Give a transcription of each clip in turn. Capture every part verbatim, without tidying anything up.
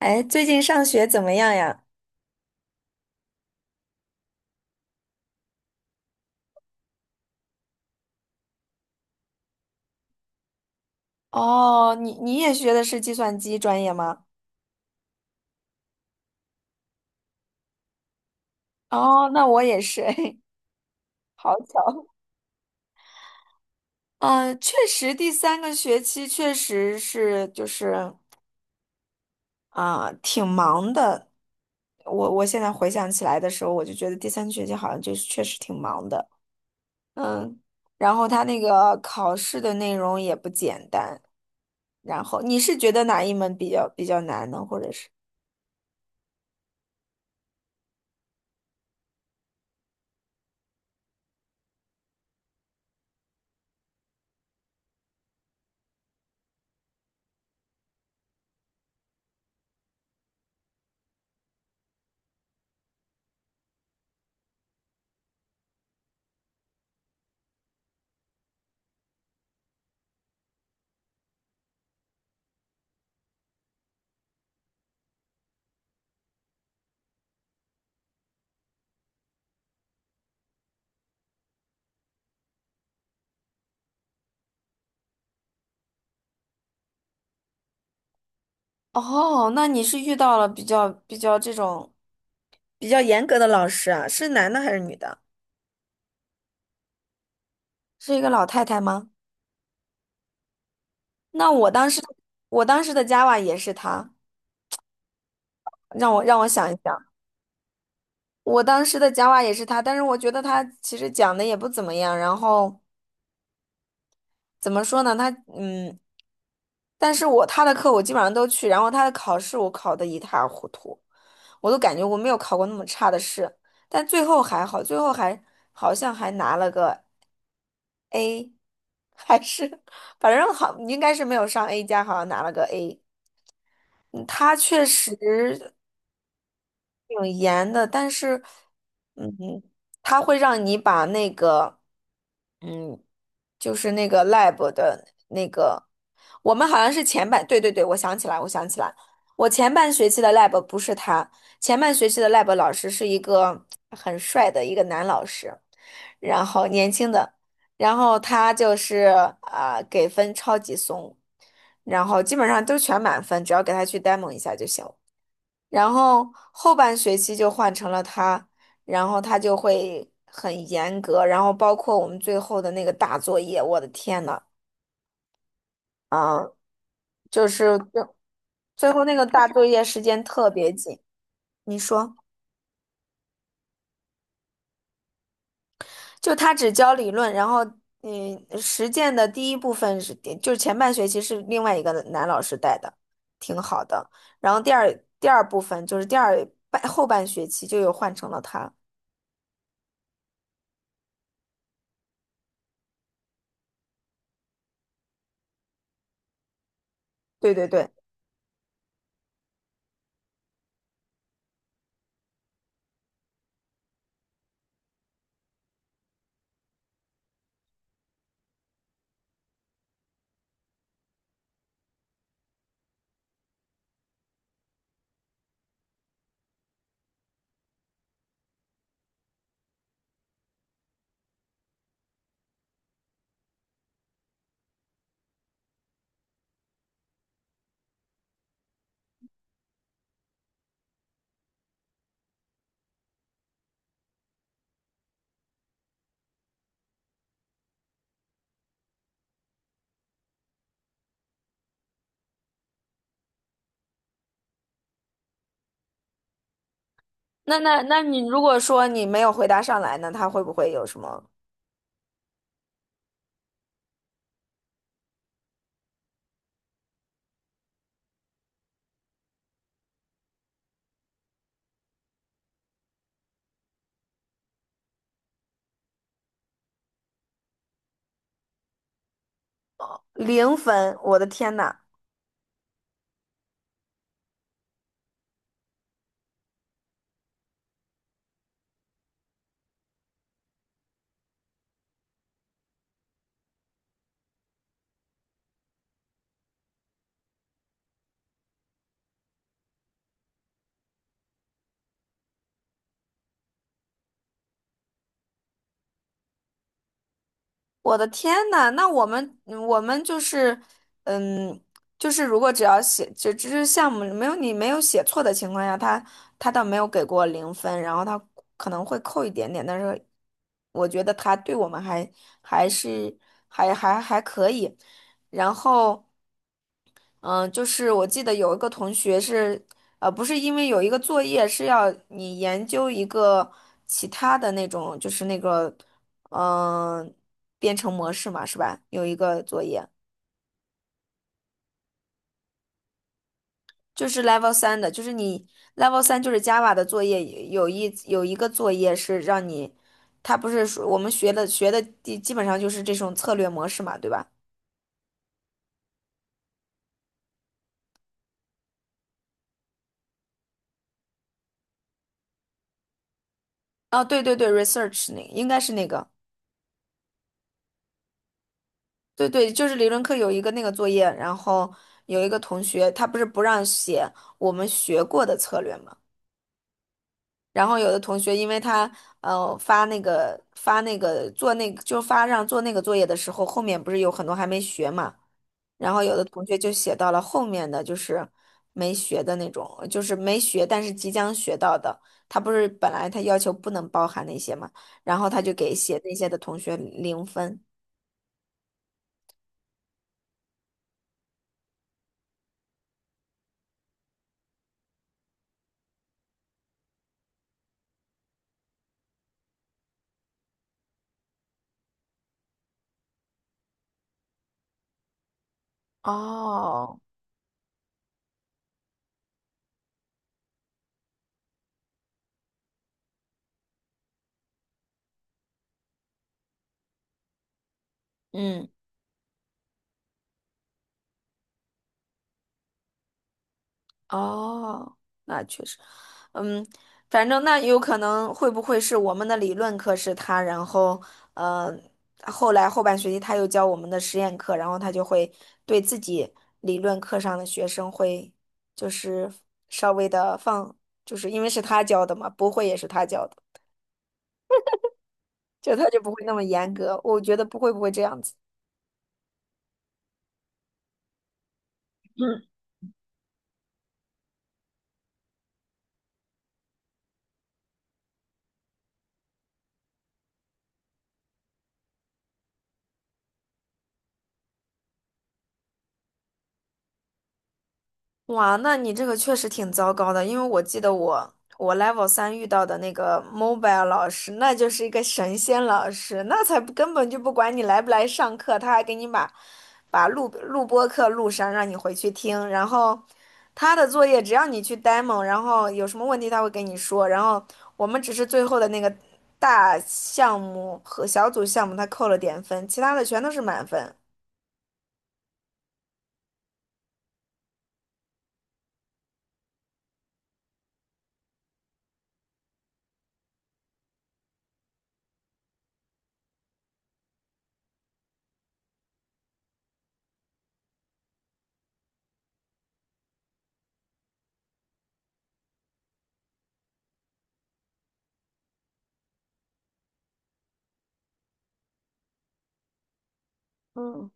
哎，最近上学怎么样呀？哦，你你也学的是计算机专业吗？哦，那我也是，哎，好巧。嗯，确实，第三个学期确实是就是啊、挺忙的。我我现在回想起来的时候，我就觉得第三学期好像就是确实挺忙的。然后他那个考试的内容也不简单。然后你是觉得哪一门比较比较难呢？或者是？哦，那你是遇到了比较比较这种。比较严格的老师啊，是男的还是女的？是一个老太太吗？那我当时，我当时的 Java 也是她，让我让我想一想，我当时的 Java 也是她，但是我觉得她其实讲的也不怎么样。然后怎么说呢？她嗯，但是我她的课我基本上都去，然后她的考试我考的一塌糊涂，我都感觉我没有考过那么差的试，但最后还好，最后还好像还拿了个。A 还是 反正好，应该是没有上 A 加，好像拿了个 A。嗯他确实，挺严的，但是，嗯，他会让你把那个，嗯，就是那个 lab 的那个，我们好像是前半，对对对，我想起来，我想起来，我前半学期的 lab 不是他，前半学期的 lab 老师是一个很帅的一个男老师，然后年轻的，然后他就是啊、给分超级松，然后基本上都全满分，只要给他去 demo 一下就行。然后后半学期就换成了他，然后他就会很严格，然后包括我们最后的那个大作业，我的天呐，就是最最后那个大作业时间特别紧。你说，就他只教理论，然后嗯，实践的第一部分是，就是前半学期是另外一个男老师带的，挺好的。然后第二第二部分就是第二半后半学期就又换成了他。对对对。那那那你如果说你没有回答上来呢，他会不会有什么零分？我的天呐，我的天呐，那我们我们就是，嗯，就是如果只要写，只只是项目没有你没有写错的情况下，他他倒没有给过零分，然后他可能会扣一点点，但是我觉得他对我们还还是还还还可以，然后。嗯，呃就是我记得有一个同学是，呃，不是因为有一个作业是要你研究一个其他的那种，就是那个，嗯、编程模式嘛，是吧？有一个作业就是 Level 三的，就是你 Level 三就是 Java 的作业，有一有一个作业是让你，他不是说我们学的学的基基本上就是这种策略模式嘛，对吧？哦，对对对，research 那应该是那个。对对，就是理论课有一个那个作业，然后有一个同学他不是不让写我们学过的策略嘛，然后有的同学因为他呃发那个发那个做那个就发让做那个作业的时候，后面不是有很多还没学嘛，然后有的同学就写到了后面的就是没学的那种，就是没学但是即将学到的，他不是本来他要求不能包含那些嘛，然后他就给写那些的同学零分，哦，嗯。哦，那确实，嗯，反正那有可能会不会是我们的理论课是他，然后呃，后来后半学期他又教我们的实验课，然后他就会对自己理论课上的学生会就是稍微的放，就是因为是他教的嘛，不会也是他教的，就他就不会那么严格，我觉得不会不会这样子。哇，那你这个确实挺糟糕的，因为我记得我我 level 三遇到的那个 mobile 老师，那就是一个神仙老师，那才不根本就不管你来不来上课，他还给你把把录录播课录上，让你回去听。然后他的作业只要你去 demo，然后有什么问题他会给你说。然后我们只是最后的那个大项目和小组项目，他扣了点分，其他的全都是满分。嗯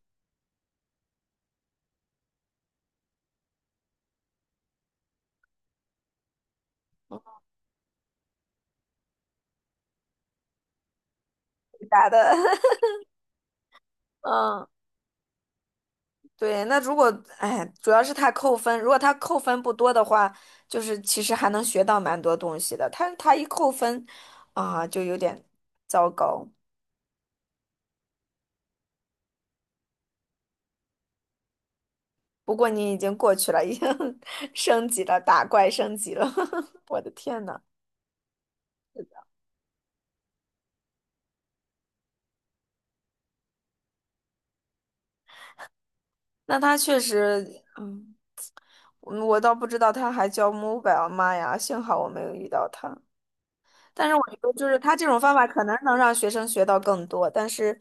答的，嗯。对，那如果，哎，主要是他扣分，如果他扣分不多的话，就是其实还能学到蛮多东西的。他他一扣分，啊，就有点糟糕。不过你已经过去了，已经 升级了，打怪升级了。我的天呐，那他确实，嗯，我我倒不知道他还教 mobile，妈呀，幸好我没有遇到他。但是我觉得，就是他这种方法可能能让学生学到更多，但是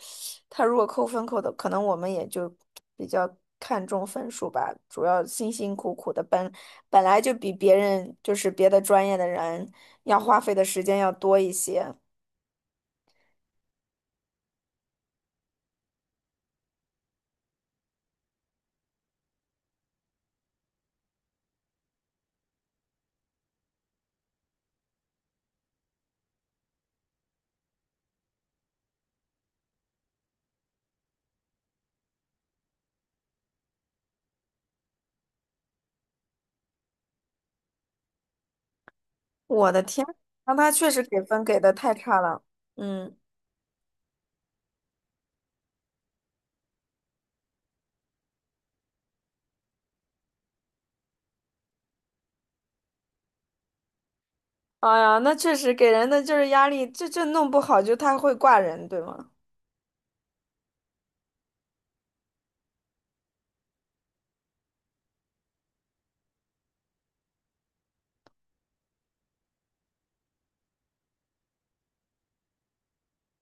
他如果扣分扣的，可能我们也就比较看重分数吧。主要辛辛苦苦的本本来就比别人就是别的专业的人要花费的时间要多一些。我的天，那他确实给分给的太差了。嗯，哎呀，那确实给人的就是压力，这这弄不好就他会挂人，对吗？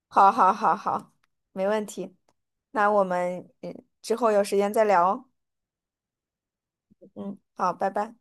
好，好，好，好，没问题。那我们嗯之后有时间再聊哦。嗯，好，拜拜。